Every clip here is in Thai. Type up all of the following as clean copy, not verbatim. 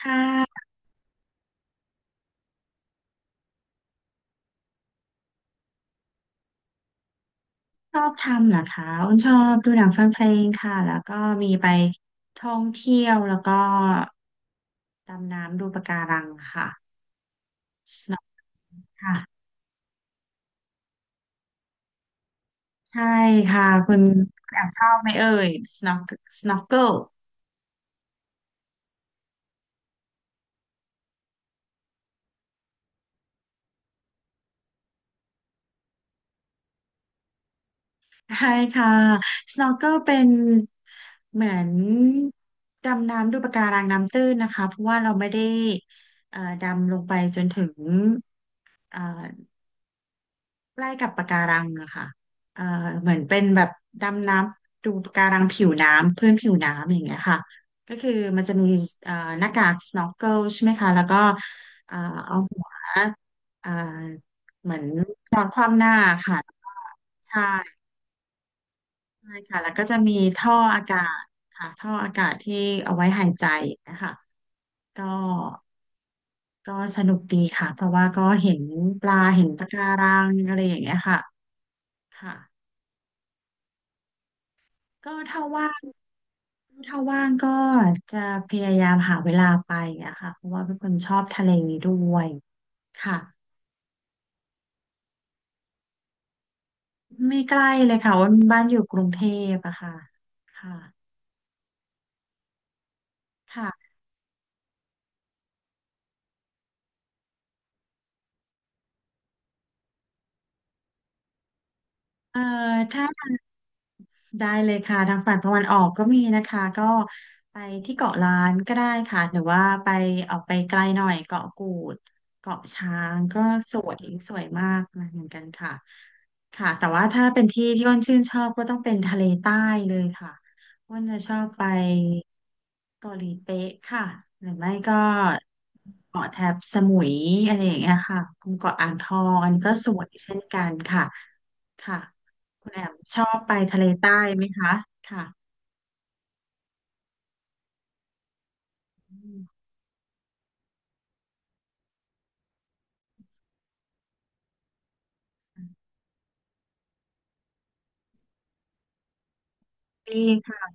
ค่ะชอบทำเหรอคะอ้นชอบดูหนังฟังเพลงค่ะแล้วก็มีไปท่องเที่ยวแล้วก็ดำน้ำดูปะการังค่ะ snorkel ค่ะใช่ค่ะคุณแอบชอบไหมเอ่ย snorkel snorkel ใช่ค่ะ snorkel เป็นเหมือนดำน้ำดูปะการังน้ำตื้นนะคะเพราะว่าเราไม่ได้ดำลงไปจนถึงเอ่อ ใกล้กับปะการังอะค่ะเอ่อเหมือนเป็นแบบดำน้ำดูปะการังผิวน้ำเพื่อนผิวน้ำอย่างเงี้ยค่ะก็คือมันจะมีเอ่อหน้ากาก snorkel ใช่ไหมคะแล้วก็เอ่อเอาหัวเอ่อเหมือนนอนคว่ำหน้าค่ะใช่ใช่ค่ะแล้วก็จะมีท่ออากาศค่ะท่ออากาศที่เอาไว้หายใจนะคะก็ก็สนุกดีค่ะเพราะว่าก็เห็นปลาเห็นปะการังอะไรอย่างเงี้ยค่ะค่ะก็ถ้าว่าง ถ้าว่างก็จะพยายามหาเวลาไปอะค่ะเพราะว่าเป็นคนชอบทะเลด้วยค่ะไม่ใกล้เลยค่ะว่าบ้านอยู่กรุงเทพอะค่ะค่ะค่ะเอ่อถ้า ได้เลยค่ะ ทางฝั่งตะวันออกก็มีนะคะก็ไปที่เกาะล้านก็ได้ค่ะ หรือว่าไปออกไปไกลหน่อยเกาะกูดเกาะช้างก็สวยสวยมากเหมือนกันค่ะค่ะแต่ว่าถ้าเป็นที่ที่อ้นชื่นชอบก็ต้องเป็นทะเลใต้เลยค่ะอ้นจะชอบไปเกาหลีเป๊ะค่ะหรือไม่ก็เกาะแถบสมุยอะไรอย่างเงี้ยค่ะกลุ่มเกาะอ่างทองอันนี้ก็สวยเช่นกันค่ะค่ะ คุณแอมชอบไปทะเลใต้ไหมคะค่ะอืมดีค่ะ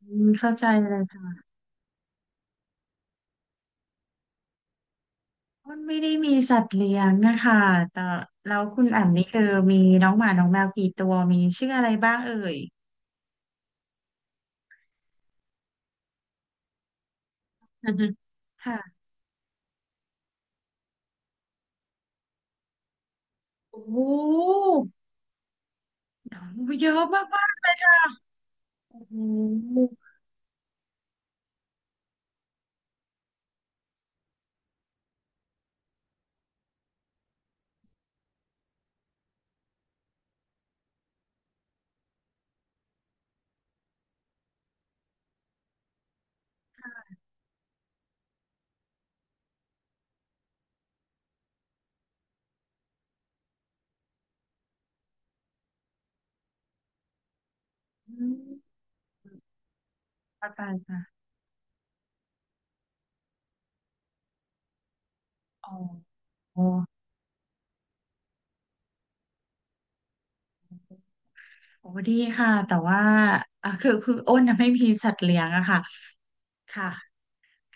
อืมเข้าใจเลยค่ะอ้นไม่ได้มีสัตว์เลี้ยงนะคะแต่แล้วคุณแอมนี่คือมีน้องหมาน้องแมวกี่ตัวมีชื่ออะไรบ้างเอ่ย ค่ะโอ้โหเยอะมากๆเลยค่ะโอ้โหอืมเข้าใจค่ะอ๋อโอ้โหดีค่ะแต่ว่าอ่ะคืออ้นน่ะไม่มีสัตว์เลี้ยงอะค่ะค่ะ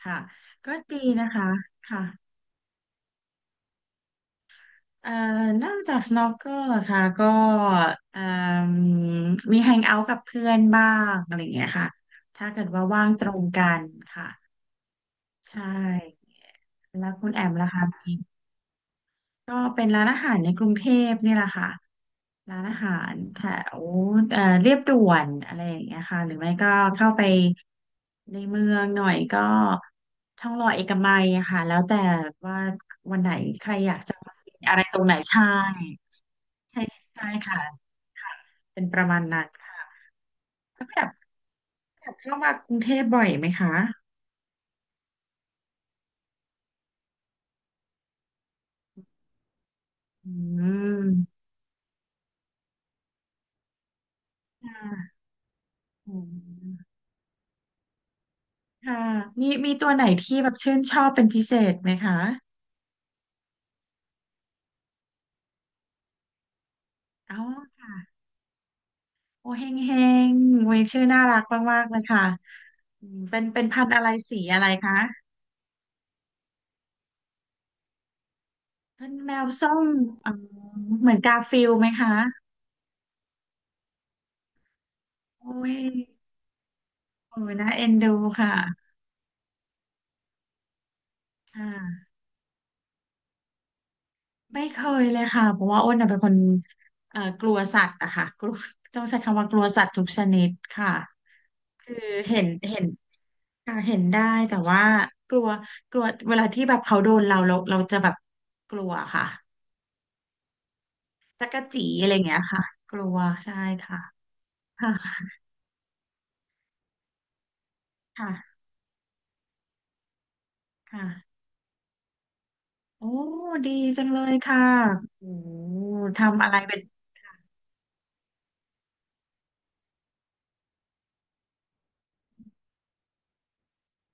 ค่ะก็ดีนะคะค่ะ เอ่อนอกจาก snorkel เหรอคะก็เอ่มมี hang out กับเพื่อนบ้างอะไรอย่างเงี้ยค่ะถ้าเกิดว่าว่างตรงกันค่ะใช่แล้วคุณแอมล่ะคะมีก็เป็นร้านอาหารในกรุงเทพนี่แหละค่ะร้านอาหารแถวเรียบด่วนอะไรอย่างเงี้ยค่ะหรือไม่ก็เข้าไปในเมืองหน่อยก็ทองหล่อเอกมัยอะค่ะแล้วแต่ว่าวันไหนใครอยากจะมากินอะไรตรงไหนใช่ ใช่ใช่ค่ะเป็นประมาณนั้นค่ะแล้วแบบเข้ามากรุงเทพบ่อยไหมคะอืมค่ะอืมค่ะมีตัวไหนที่แบบชื่นชอบเป็นพิเศษไหมคะเอ้าโอเฮงเฮงโอ้ยชื่อน่ารักมากๆเลยค่ะอืมเป็นพันธุ์อะไรสีอะไรคะเป็นแมวส้มอ๋อเหมือนกาฟิลด์ไหมคะโอ้ยโอ้ยน่าเอ็นดูค่ะค่ะ ไม่เคยเลยค่ะเพราะว่าอ้นน่ะเป็นคนกลัวสัตว์อะค่ะกลัวต้องใช้คำว่ากลัวสัตว์ทุกชนิดค่ะคือเห็นค่ะเห็นได้แต่ว่ากลัวกลัวเวลาที่แบบเขาโดนเราจะแบบกลัวค่ะจักรจีอะไรอย่างเงี้ยค่ะกลัวใช่ค่ะค่ะค่ะค่ะโอ้ดีจังเลยค่ะโอ้ทำอะไรเป็น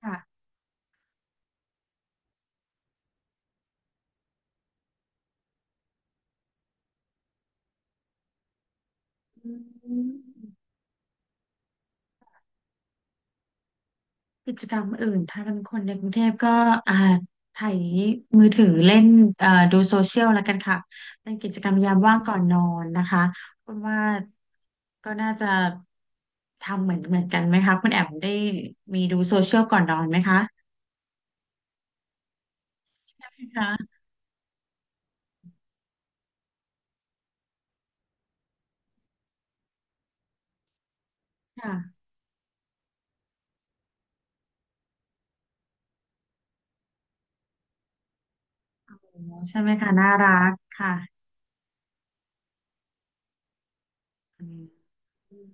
ค่ะอืม กิจกรรมอื่นถ้าเป็นคนในกรุงเทพก็อ่าไถมือถือเล่นดูโซเชียลแล้วกันค่ะเป็นกิจกรรมยามว่างก่อนนอนนะคะคุณว่าก็น่าจะทำเหมือนกันไหมคะคุณแอมได้มีดูโซเชียลก่อนนอนไหมคะค่ะค่ะโอ้ใช่ไหมคะน่ารักค่ะอืมอืม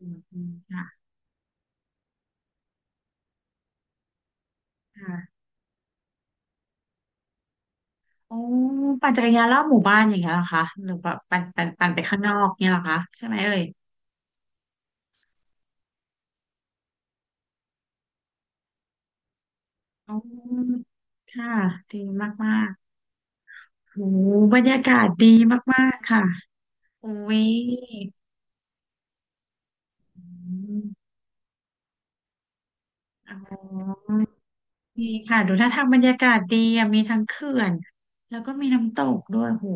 อืมอืมค่ะค่ะโอ้ปั่นจักรยานรอบหมู่บ้านอย่างเงี้ยเหรอคะหรือแบบปั่นไปข้างนอกเนี่ยเหรอคะใช่ไหมเอ่ย อ๋อค่ะดีมากๆโหบรรยากาศดีมากๆค่ะอุ้ยอืมอ๋อดีค่ะดูท่าทางบรรยากาศดีอะมีทั้งเขื่อน แล้วก็มีน้ำตกด้วยโห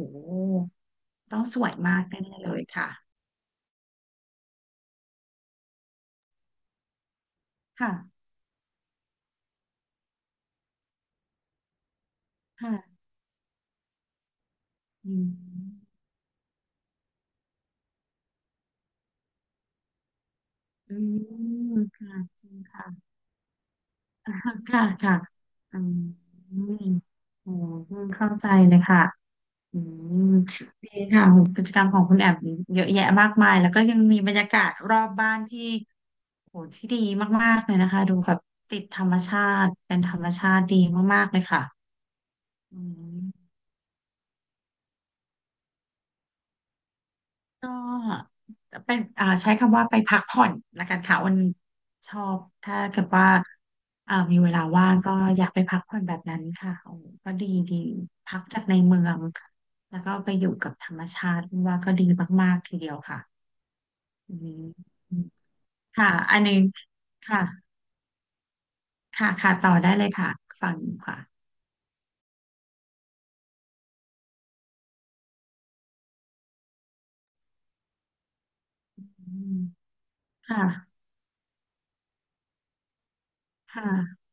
ต้องสวยมากแน่ๆเลยค่ะค่ะค่ะอืมอืมค่ะจริงค่ะ ค่ะค่ะอืมโอ้เข้าใจเลยค่ะ อืมดีค่ะโหกิจกรรมของคุณแอบเยอะแยะมากมายแล้วก็ยังมีบรรยากาศรอบบ้านที่โหที่ดีมากๆเลยนะคะดูแบบติดธรรมชาติเป็นธรรมชาติดีมากๆเลยค่ะอืมก็เป็นใช้คำว่าไปพักผ่อนละกันค่ะวันชอบถ้าเกิดว่ามีเวลาว่างก็อยากไปพักผ่อนแบบนั้นค่ะโอ้ก็ดีดีพักจากในเมืองแล้วก็ไปอยู่กับธรรมชาติว่าก็ดีมากๆทีเดียวค่ะ อืมค่ะอันหนึงค่ะค่ะค่ะต่อได้เลยค่ะ ฟังอยู่ค่ะอืมค่ะค่ะ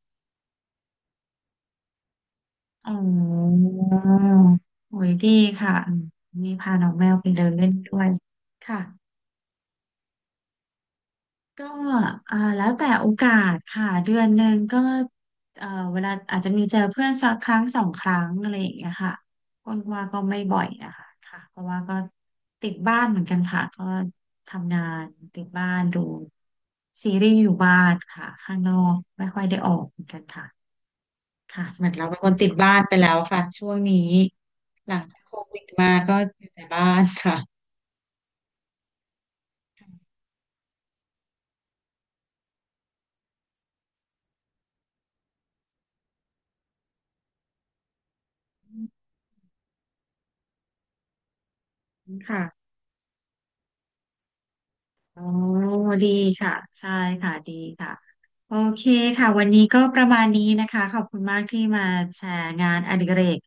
อ๋อโอ้ยดีค่ะอืมนี่พาน้องแมวไปเดินเล่นด้วยค่ะ ก็อ่าแล้วแต่โอกาสค่ะเดือนหนึ่งก็เอ่อเวลาอาจจะมีเจอเพื่อนสักครั้งสองครั้งอะไรอย่างเงี้ยค่ะคนว่าก็ไม่บ่อยนะคะค่ะเพราะว่าก็ติดบ้านเหมือนกันค่ะก็ทำงานติดบ้านดูซีรีส์อยู่บ้านค่ะข้างนอกไม่ค่อยได้ออกเหมือนกันค่ะค่ะเหมือนเราเป็นคนติดบ้านไปแล้วค่ะช่วงนี้หลังจากโควิดมาก็อยู่แต่บ้านค่ะค่ะ อ๋อดีค่ะใช่ค่ะดีค่ะโอเคค่ะวันนี้ก็ประมาณนี้นะคะขอบคุณมากที่มาแชร์งานอดิเรก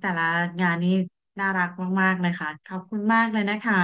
แต่ละงานนี่น่ารักมากๆเลยค่ะขอบคุณมากเลยนะคะ